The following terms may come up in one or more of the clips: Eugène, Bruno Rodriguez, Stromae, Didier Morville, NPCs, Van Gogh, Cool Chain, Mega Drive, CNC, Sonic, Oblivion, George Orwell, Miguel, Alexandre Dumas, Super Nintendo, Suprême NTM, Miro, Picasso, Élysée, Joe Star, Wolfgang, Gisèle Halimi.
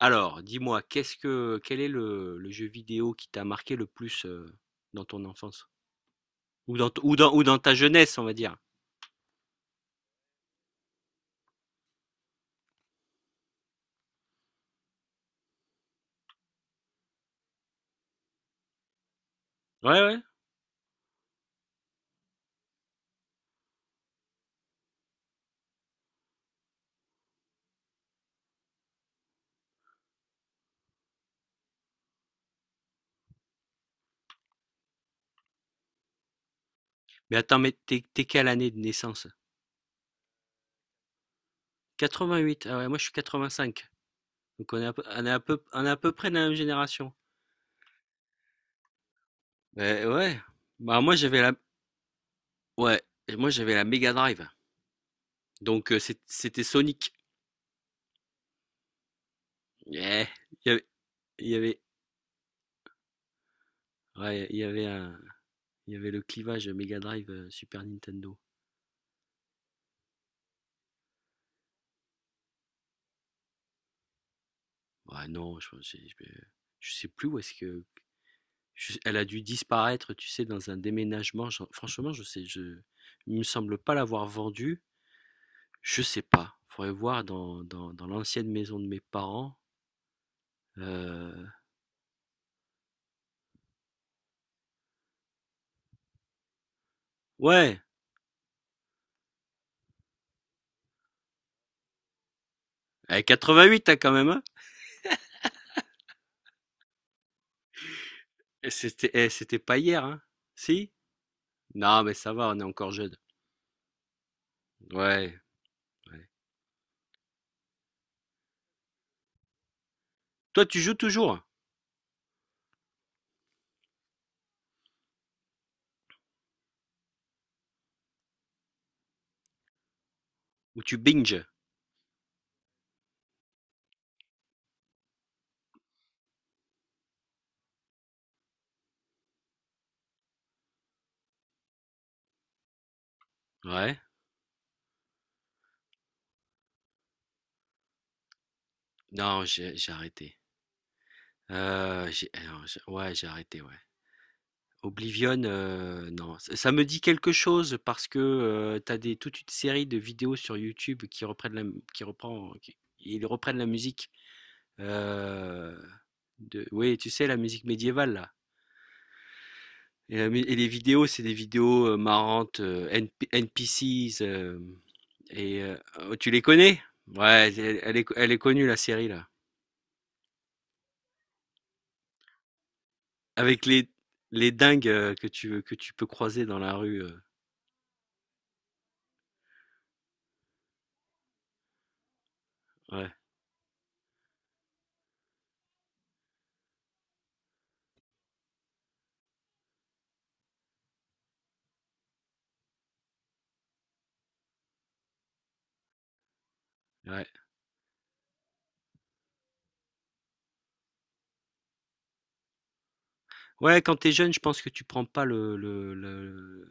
Alors, dis-moi, qu'est-ce que quel est le jeu vidéo qui t'a marqué le plus dans ton enfance? Ou dans, t- ou dans ta jeunesse, on va dire. Ouais, ouais. Mais attends, mais t'es quelle année de naissance? 88. Ah ouais, moi je suis 85. Donc on est à peu, on est à peu, on est à peu près de la même génération. Ouais, ouais. Bah moi j'avais la, ouais, moi j'avais la Mega Drive. Donc c'était Sonic. Ouais. Il y avait, il y avait, ouais, il y avait un, il y avait le clivage Mega Drive Super Nintendo. Ah non, je sais plus où est-ce que. Elle a dû disparaître, tu sais, dans un déménagement. Franchement, il me semble pas l'avoir vendue. Je sais pas. Faudrait voir dans, dans l'ancienne maison de mes parents. Euh, ouais, elle est 88, hein, quand même. Hein. Et c'était, c'était pas hier, hein. Si? Non, mais ça va, on est encore jeune. Ouais, ouais. Toi, tu joues toujours? Hein. Ou tu binges? Ouais. Non, j'ai arrêté. Ouais, j'ai arrêté, ouais. Oblivion, non, ç ça me dit quelque chose parce que, tu as des toute une série de vidéos sur YouTube qui reprennent la qui reprend qui ils reprennent la musique, heu, de oui, tu sais, la musique médiévale là. Et la mu et les vidéos, c'est des vidéos, marrantes, heu, NP NPCs, hem et oh, tu les connais? Ouais, elle est connue la série là, avec les dingues, que tu peux croiser dans la rue, ouais, ouais. Ouais, quand t'es jeune, je pense que tu prends pas le le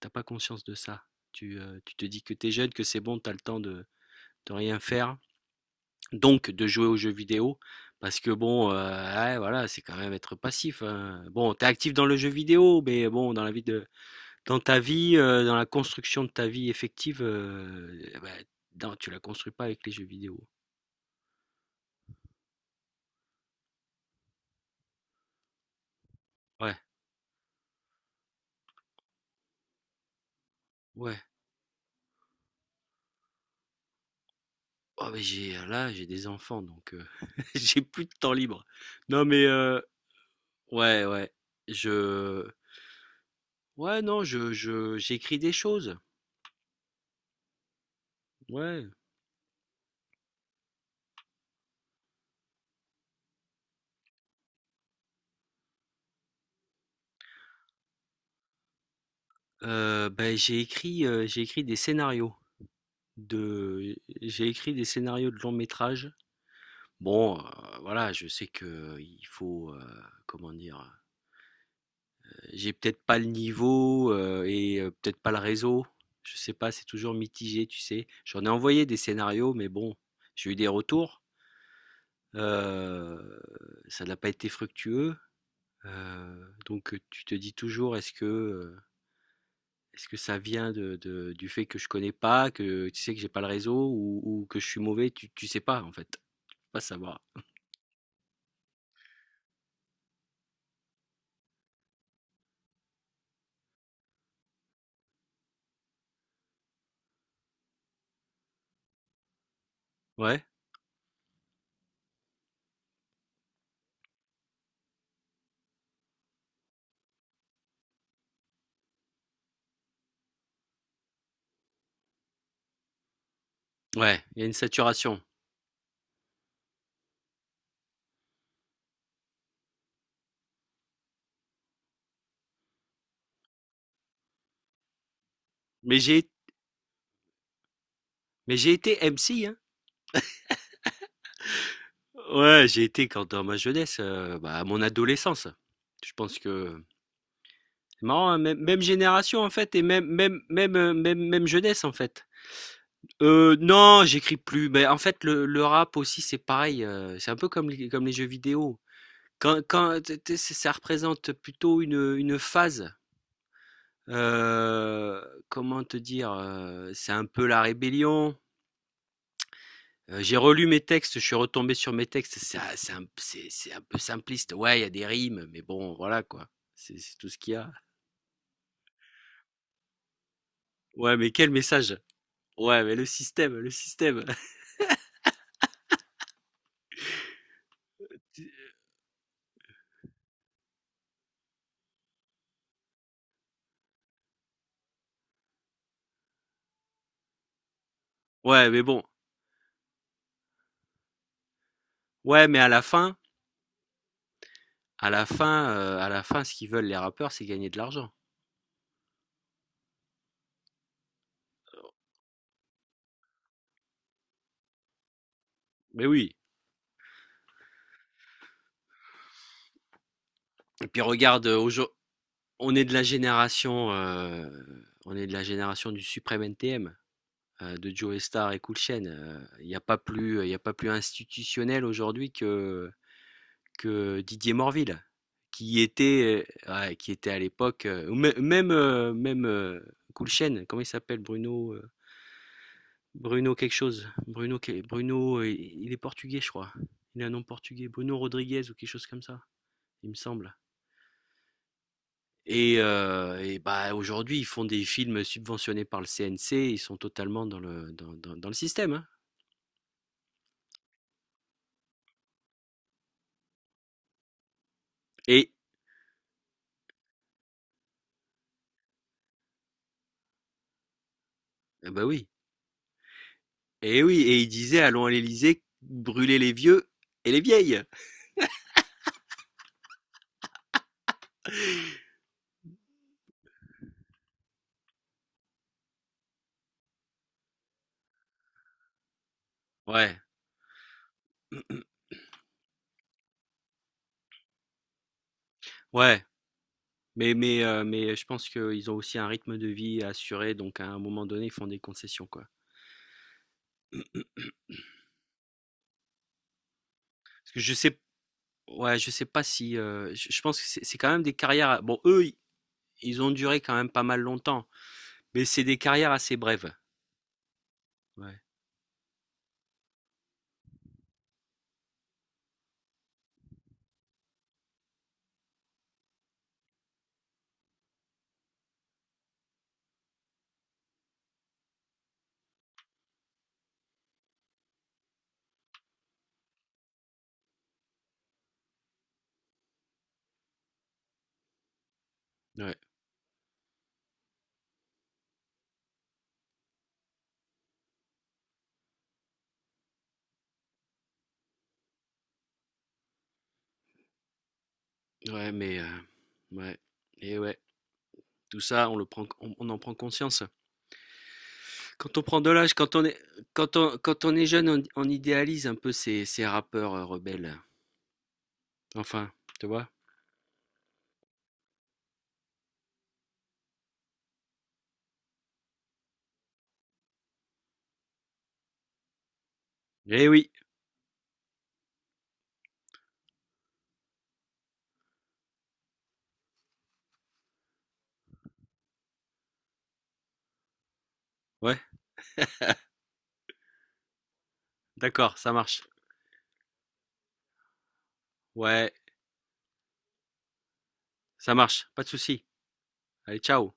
tu pas conscience de ça. Tu, tu te dis que t'es jeune, que c'est bon, t'as le temps de rien faire, donc de jouer aux jeux vidéo parce que bon, ouais, voilà, c'est quand même être passif, hein. Bon, t'es actif dans le jeu vidéo, mais bon, dans ta vie, dans la construction de ta vie effective, bah, dans tu la construis pas avec les jeux vidéo. Ouais, ouais. Oh, j'ai des enfants donc j'ai plus de temps libre. Non mais heu. Ouais, ouais. Je. Ouais, non, j'écris des choses. Ouais. J'ai écrit des scénarios de, j'ai écrit des scénarios de long métrage. Bon, voilà, je sais que il faut, comment dire, j'ai peut-être pas le niveau et peut-être pas le réseau. Je sais pas, c'est toujours mitigé, tu sais. J'en ai envoyé des scénarios, mais bon, j'ai eu des retours. Euh, Ça n'a pas été fructueux. Donc, tu te dis toujours: est-ce que ça vient de du fait que je connais pas, que tu sais que j'ai pas le réseau ou que je suis mauvais?» Tu tu sais pas en fait, tu peux pas savoir. Ouais? Ouais, il y a une saturation. Mais j'ai mais j'ai été MC, hein. Ouais, j'ai été quand dans ma jeunesse, bah, à mon adolescence. Je pense que. C'est marrant, hein, même génération en fait et même jeunesse en fait. Non, j'écris plus. Ben, en fait, le rap aussi, c'est pareil. C'est un peu comme les jeux vidéo. Ça représente plutôt une phase. Comment te dire, c'est un peu la rébellion. J'ai relu mes textes, je suis retombé sur mes textes. C'est un peu simpliste. Ouais, il y a des rimes, mais bon, voilà quoi. C'est tout ce qu'il y a. Ouais, mais quel message. Ouais, mais le système, le système. Ouais, mais bon. Ouais, mais à la fin, à la fin, ce qu'ils veulent les rappeurs, c'est gagner de l'argent. Mais oui. Et puis regarde, on est de la génération, on est de la génération du Suprême NTM, de Joe Star et Cool Chain. Il y a pas plus institutionnel aujourd'hui que Didier Morville, qui était, ouais, qui était à l'époque, ou mê- même même Cool Chain. Comment il s'appelle, Bruno? Bruno quelque chose. Bruno, il est portugais, je crois. Il a un nom portugais, Bruno Rodriguez ou quelque chose comme ça, il me semble. Et bah aujourd'hui, ils font des films subventionnés par le CNC, ils sont totalement dans le système. Hein. Et ah bah oui, et oui, et il disait allons à l'Élysée, brûler les vieux et les vieilles. Ouais, ouais. Mais je pense qu'ils ont aussi un rythme de vie à assurer, donc à un moment donné, ils font des concessions quoi. Parce que je sais Ouais, je sais pas si, je pense que c'est quand même des carrières bon eux, i ils ont duré quand même pas mal longtemps, mais c'est des carrières assez brèves. Ouais, ouais, ouais, mais ouais et ouais, tout ça on le prend on en prend conscience. Quand on prend de l'âge, quand on est jeune, on idéalise un peu ces rappeurs, rebelles. Enfin, tu vois? Eh oui, ouais, d'accord, ça marche. Ouais, ça marche, pas de souci. Allez, ciao.